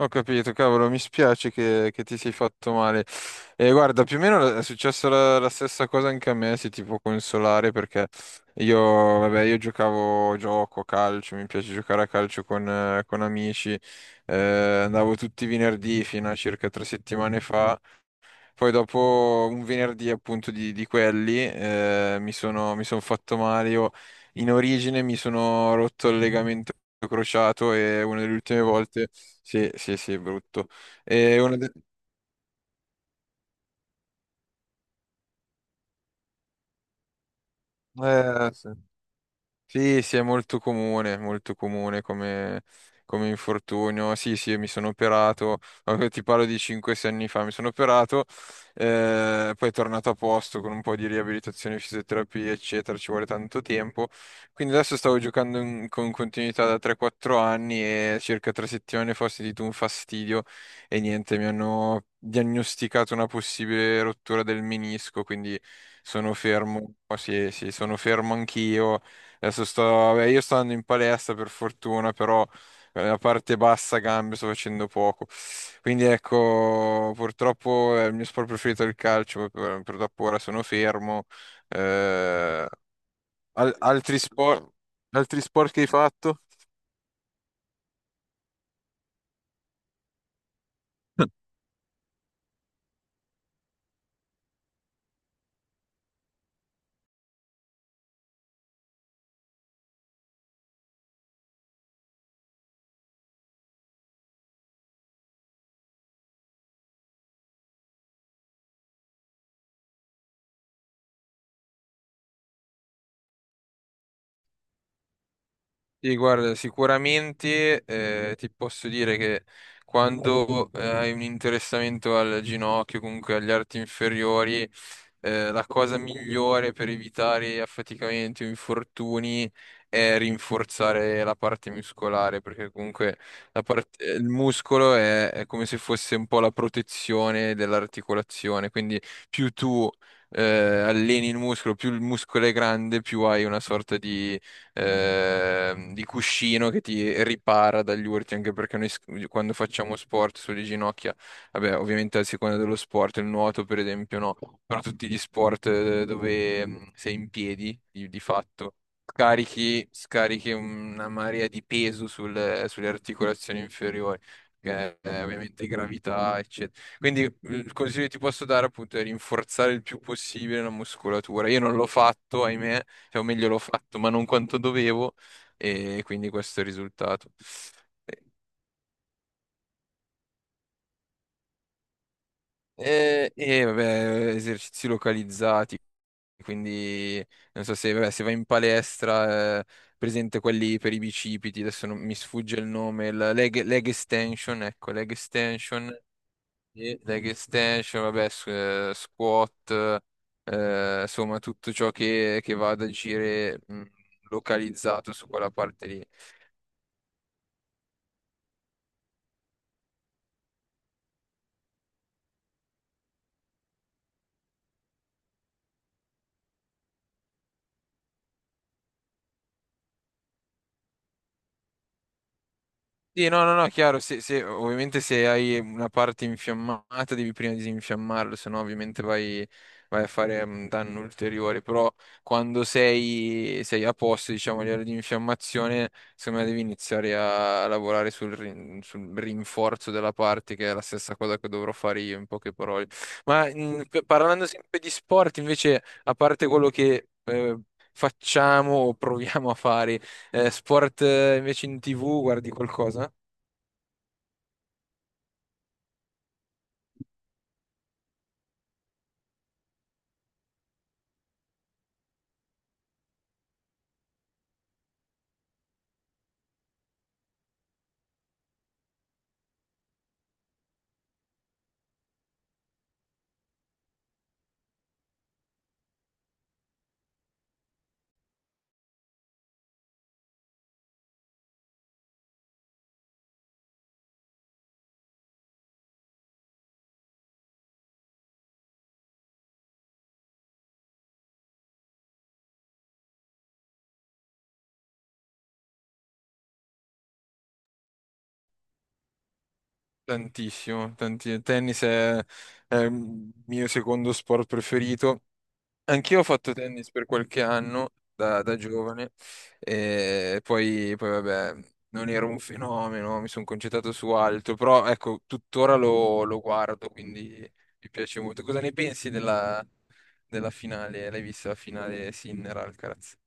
Ho capito, cavolo, mi spiace che ti sei fatto male. E guarda, più o meno è successa la stessa cosa anche a me, se ti può consolare, perché io, vabbè, io gioco a calcio, mi piace giocare a calcio con amici, eh, andavo tutti i venerdì fino a circa 3 settimane fa, poi dopo un venerdì appunto di quelli mi son fatto male. Io in origine mi sono rotto il legamento crociato e una delle ultime volte... Sì, sì, sì, brutto. E una de- eh, sì. Sì, sì, è molto comune come infortunio. Sì, sì, mi sono operato, ti parlo di 5-6 anni fa, mi sono operato, poi è tornato a posto con un po' di riabilitazione, fisioterapia, eccetera, ci vuole tanto tempo. Quindi adesso stavo giocando con continuità da 3-4 anni e circa 3 settimane fa ho sentito un fastidio e niente, mi hanno diagnosticato una possibile rottura del menisco, quindi sono fermo, sì, sì, sono fermo anch'io. Adesso sto, vabbè, io sto andando in palestra per fortuna, però la parte bassa gambe sto facendo poco. Quindi ecco, purtroppo il mio sport preferito è il calcio, purtroppo ora sono fermo. Eh, Altri sport che hai fatto? Sì, guarda, sicuramente ti posso dire che quando hai un interessamento al ginocchio, comunque agli arti inferiori, la cosa migliore per evitare affaticamenti o infortuni è rinforzare la parte muscolare, perché comunque il muscolo è come se fosse un po' la protezione dell'articolazione, quindi più tu alleni il muscolo, più il muscolo è grande, più hai una sorta di cuscino che ti ripara dagli urti, anche perché noi quando facciamo sport sulle ginocchia, vabbè, ovviamente a seconda dello sport, il nuoto per esempio no, però tutti gli sport dove sei in piedi, di fatto, carichi, scarichi una marea di peso sulle articolazioni inferiori. Che è ovviamente gravità, eccetera. Quindi il consiglio che ti posso dare appunto è rinforzare il più possibile la muscolatura. Io non l'ho fatto, ahimè, cioè, o meglio, l'ho fatto, ma non quanto dovevo, e quindi questo è il risultato. E, vabbè, esercizi localizzati, quindi non so se, vabbè, se vai in palestra, presente quelli per i bicipiti, adesso mi sfugge il nome, il leg extension, ecco, leg extension, e leg extension, vabbè, squat, insomma, tutto ciò che va ad agire localizzato su quella parte lì. Sì, no, no, no, chiaro, ovviamente se hai una parte infiammata devi prima disinfiammarlo, se no ovviamente vai, a fare un danno ulteriore, però quando sei a posto, diciamo, a livello di infiammazione, secondo me devi iniziare a lavorare sul rinforzo della parte, che è la stessa cosa che dovrò fare io, in poche parole. Ma parlando sempre di sport, invece, a parte quello che... facciamo o proviamo a fare sport invece in TV, guardi qualcosa? Tantissimo, il tennis è il mio secondo sport preferito. Anch'io ho fatto tennis per qualche anno da giovane e poi vabbè, non ero un fenomeno, mi sono concentrato su altro, però ecco, tuttora lo guardo, quindi mi piace molto. Cosa ne pensi della finale? L'hai vista la finale Sinner-Alcaraz?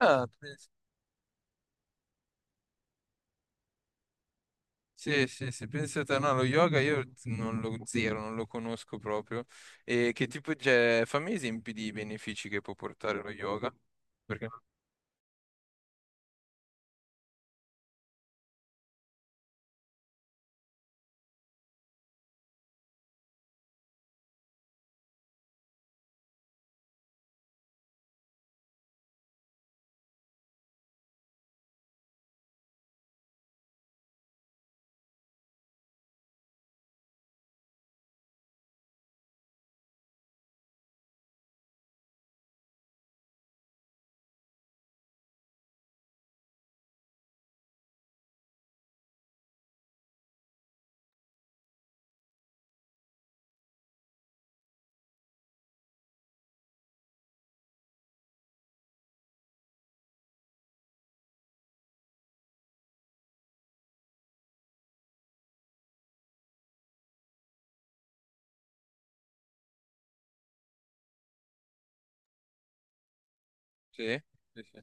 Ah, sì, sì, sì, pensate, no, lo yoga io non lo zero, non lo conosco proprio. E che tipo, cioè, fammi esempi di benefici che può portare lo yoga? Perché? Sì, sì, sì.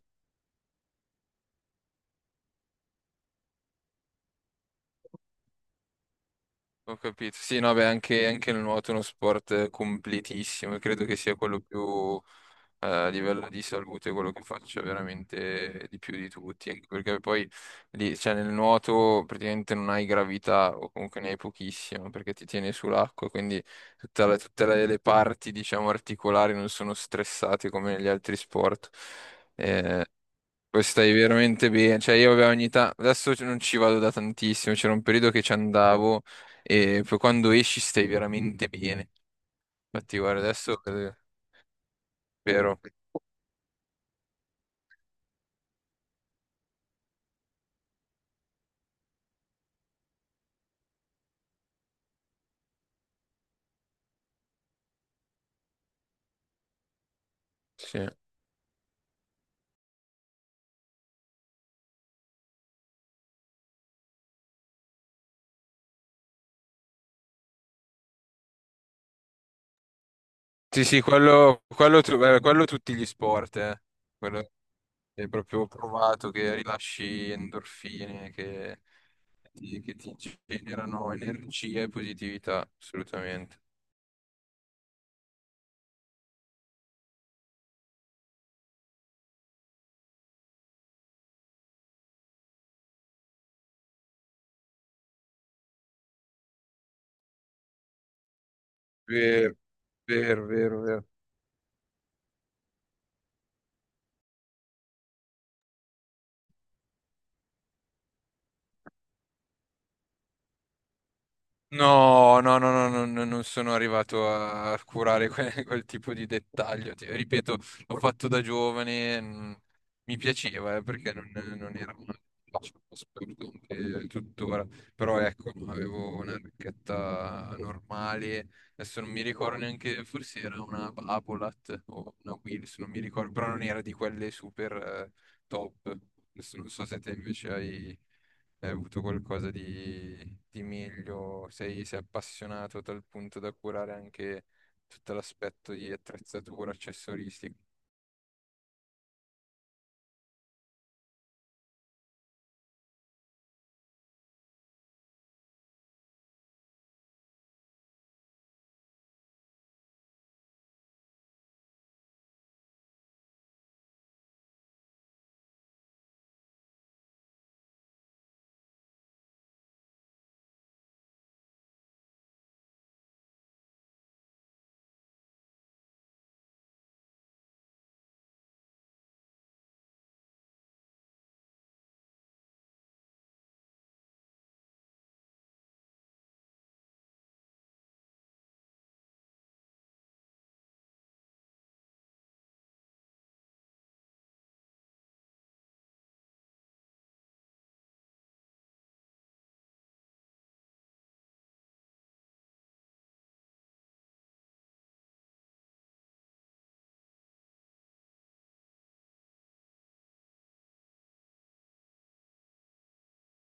Ho capito. Sì, no, beh, anche, anche il nuoto è uno sport completissimo, e credo che sia quello più... a livello di salute, quello che faccio è veramente di più di tutti, anche perché poi lì, cioè, nel nuoto praticamente non hai gravità o comunque ne hai pochissimo perché ti tieni sull'acqua, quindi tutte le parti diciamo articolari non sono stressate come negli altri sport. Eh, poi stai veramente bene, cioè io avevo ogni tanto, adesso non ci vado da tantissimo, c'era un periodo che ci andavo e poi quando esci stai veramente bene. Infatti guarda adesso, vero, sì. Sì, sì, quello, quello tutti gli sport, eh. Quello è proprio provato che rilasci endorfine, che ti generano energia e positività, assolutamente. Vero, vero, vero, vero. No, no, no, no, no, no, non sono arrivato a curare quel tipo di dettaglio. Ripeto, l'ho fatto da giovane, mi piaceva, perché non era uno sport anche tuttora, però ecco, no, avevo una racchetta normale, adesso non mi ricordo neanche, forse era una Babolat o una Wills, non mi ricordo, però non era di quelle super top. Adesso non so se te invece hai avuto qualcosa di meglio, sei appassionato a tal punto da curare anche tutto l'aspetto di attrezzatura, accessoristica.